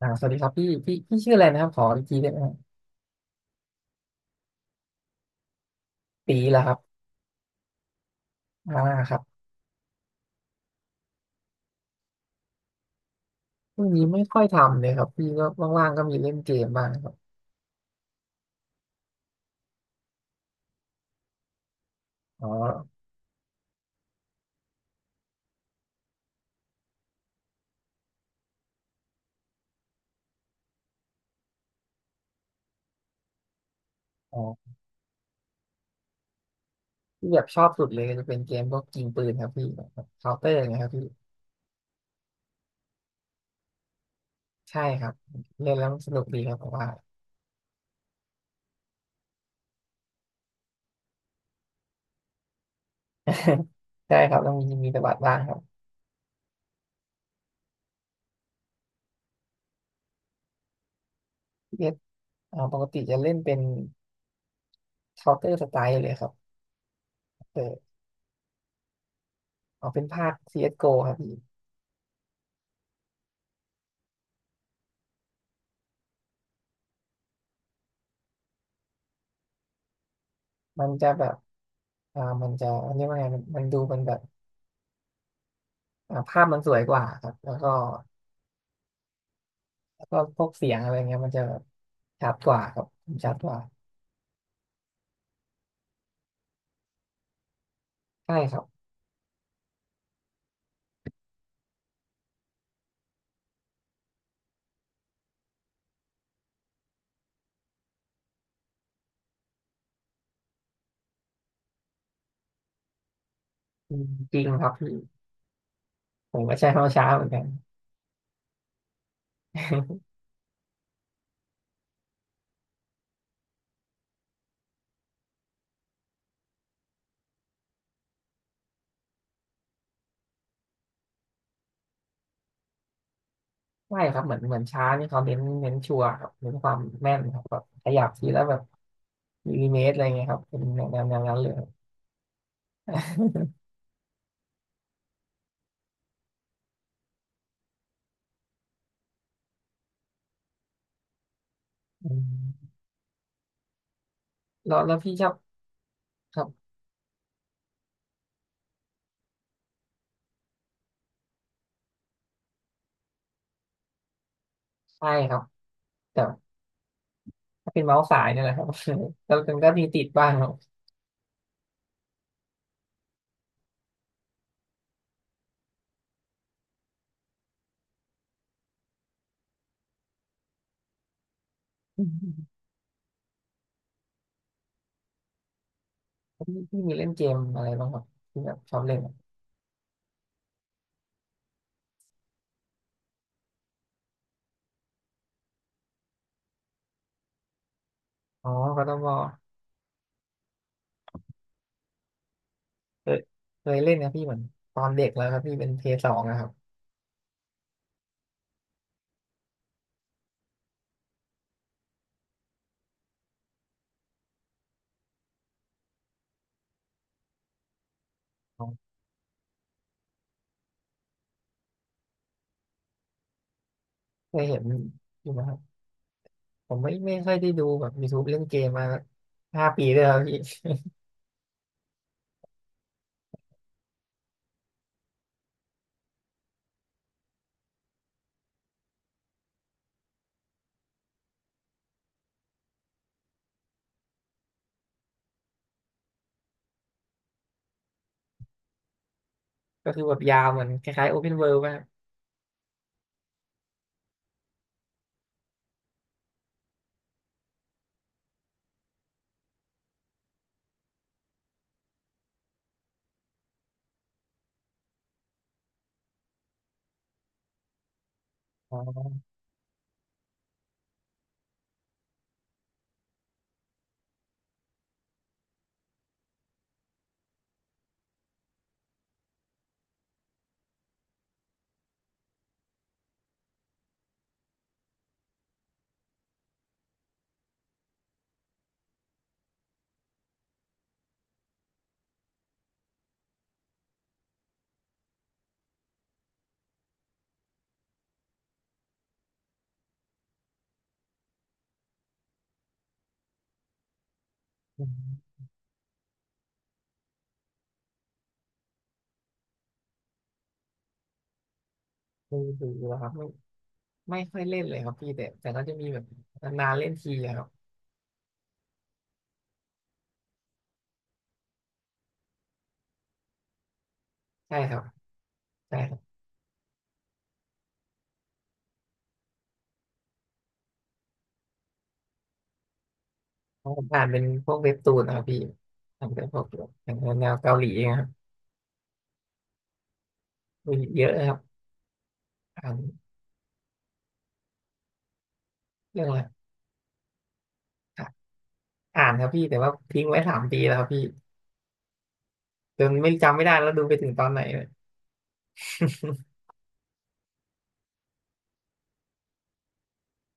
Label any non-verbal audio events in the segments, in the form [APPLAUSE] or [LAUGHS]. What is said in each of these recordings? สวัสดีครับพี่ชื่ออะไรนะครับขออีกทีได้ไหมครับตีเหรอครับอ่าครับช่วงนี้ไม่ค่อยทำเลยครับพี่ก็ว่างๆก็มีเล่นเกมบ้างครับอ๋ออ๋อที่แบบชอบสุดเลยก็จะเป็นเกมพวกยิงปืนครับพี่แบบเคาน์เตอร์นะครับพี่ใช่ครับเล่นแล้วมันสนุกดีครับผมว่า [LAUGHS] ใช่ครับต้องมีตะบัดบ้างครับพี่เอสปกติจะเล่นเป็นเคาน์เตอร์สไตล์เลยครับเออเอาเป็นภาค CSGO ครับพี่มันจะแบบมันจะเรียกว่าไงมันดูมันแบบ ภาพมันสวยกว่าครับ แล้วก็พวกเสียงอะไรเงี้ยมันจะแบบชัดกว่าครับชัดกว่าใช่ครับอืมจริงครับพี่ผมก็ใช้คำว่าช้าเหมือนกัน [LAUGHS] ใช่ครับเหมือนช้านี่เขาเน้นชัวร์ครับเน้นความแม่นครับแบบขยับทีแล้วแบบมิลลิเมตรอะไรเงี้ยครับเป็นแนวนั้นเลยครับ [LAUGHS] อืมแล้วพี่ชอบครับใช่ครับแต่ถ้าเป็นเมาส์สายเนี่ยแหละครับ [LAUGHS] แล้วมันก็มีติดบ้างครับ [LAUGHS] อืมพี่มีเล่นเกมอะไรบ้างครับที่แบบชอบเล่น อ๋อ God of w เคยเคยเล่นนะพี่เหมือนตอนเด็กแล้วครับพี่เป็นเพย์สองนะครับอ๋อเคยเห็นอยู่นะครับ ผมไม่ค่อยได้ดูแบบ YouTube เล่นเกมมาห้าปีเลยครับพี่ [LAUGHS] ก็คือแบบยาวเหมือนคล้ายๆ Open World มากอ๋ออืมไม่ดูแล้วครับไม่ค่อยเล่นเลยครับพี่แต่ก็จะมีแบบนานๆเล่นทีอะครับใช่ครับใช่ครับเพราะผมอ่านเป็นพวกเว็บตูนนะครับพี่อ่านเป็นพวกแบบอย่างแนวเกาหลีนะครับมีเยอะนะครับอ่านเรื่องอะไร อ่านครับพี่แต่ว่าทิ้งไว้สามปีแล้วครับพี่จนไม่จำไม่ได้แล้วดูไปถึงตอนไหน [LAUGHS] เลย [LAUGHS]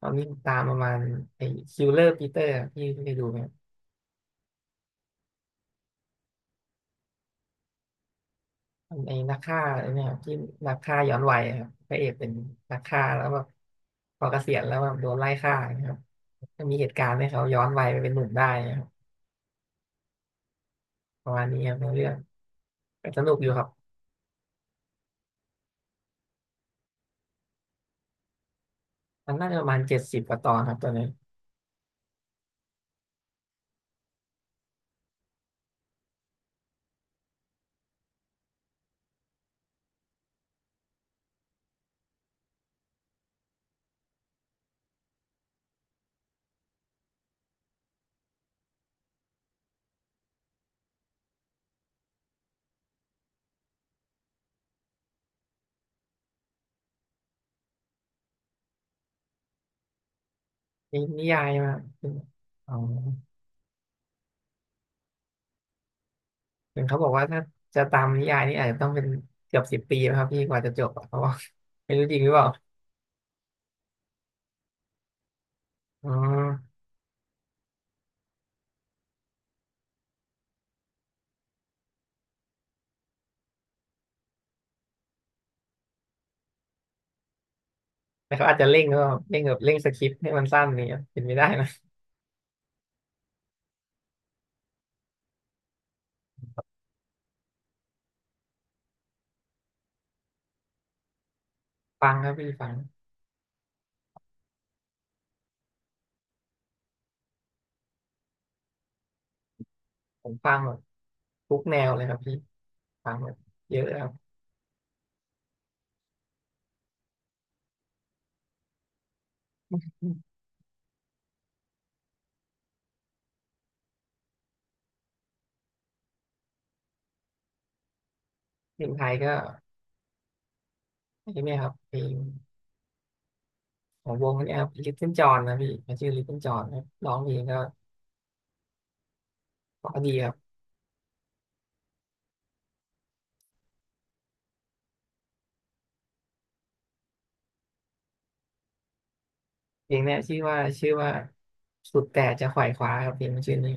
ตอนนี้ตามประมาณไอ้คิลเลอร์ปีเตอร์พี่ได้ดูไหมคนัไอ้นักฆ่าไอ้เนี่ยที่นักฆ่าย้อนวัยครับพระเอกเป็นนักฆ่าแล้วแบบพอเกษียณแล้วแบบโดนไล่ฆ่านะครับก็มีเหตุการณ์ให้เขาย้อนวัยไปเป็นหนุ่มได้นะครับประมาณนี้ครับในเรื่องแต่สนุกอยู่ครับมันน่าจะประมาณเจ็ดสิบกว่าตอนครับตอนนี้นี่นิยายมาอ๋อ ถึงเขาบอกว่าถ้าจะตามนิยายนี่อาจจะต้องเป็นเกือบสิบปีนะครับพี่กว่าจะจบอะเพราะว่า [LAUGHS] ไม่รู้จริงหรือเปล่าอ๋อแต่เขาอาจจะเร่งก็เร่งแบบเร่งสคริปต์ให้มันสั้นเนี่ยเป็นไม่ได้นะฟังครับพี่ฟังผมฟังแบบทุกแนวเลยครับพี่ฟังแบบเยอะครับเพลงไทยก็ใช่ไหมครับเพลงของวงเนี้ครับ Little John นะพี่มันชื่อ Little John ครับร้องเพลงก็เพราะดีครับเพลงเนี้ยชื่อว่าสุดแต่จะขวายคว้าครับเพลงมันชื่อนี้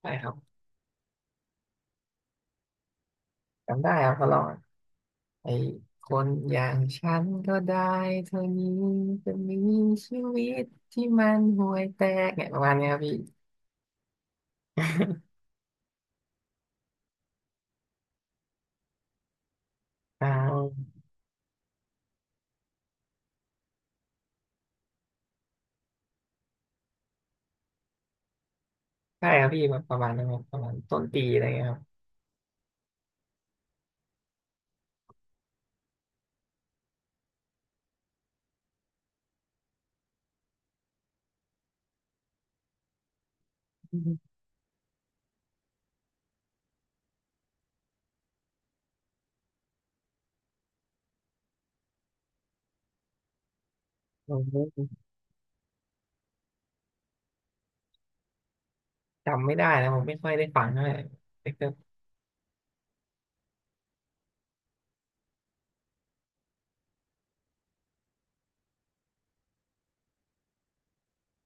ใช่ครับจำได้ครับเขาร้อง ไอ้คนอย่างฉันก็ได้เท่านี้จะมีชีวิตที่มันห่วยแตกเนี่ยประมาณเนี้ยครับพี่ [LAUGHS] อ่าใช่ครับพี่แบบประมาณนั้นครับประมาณต้นปีอะไรเงี้ยครับอืมผมจำไม่ได้นะผมไม่ค่อยได้ฟังเท่าไหร่แต่ก็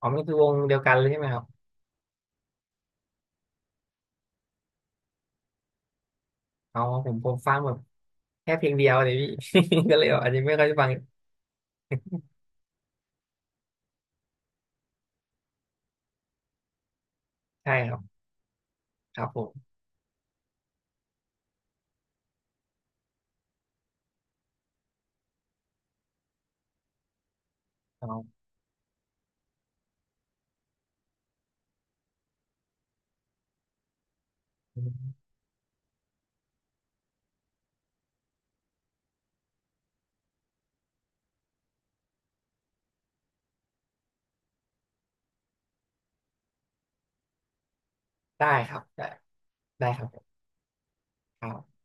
อ๋อมันคือวงเดียวกันเลยใช่ไหมครับอ๋อผมฟังแบบแค่เพลงเดียวเลยพี่ [LAUGHS] ก็เลยแบบอาจจะไม่ค่อยได้ฟังใช่ครับครับผมอ๋อได้ครับได้ได้ครับครับ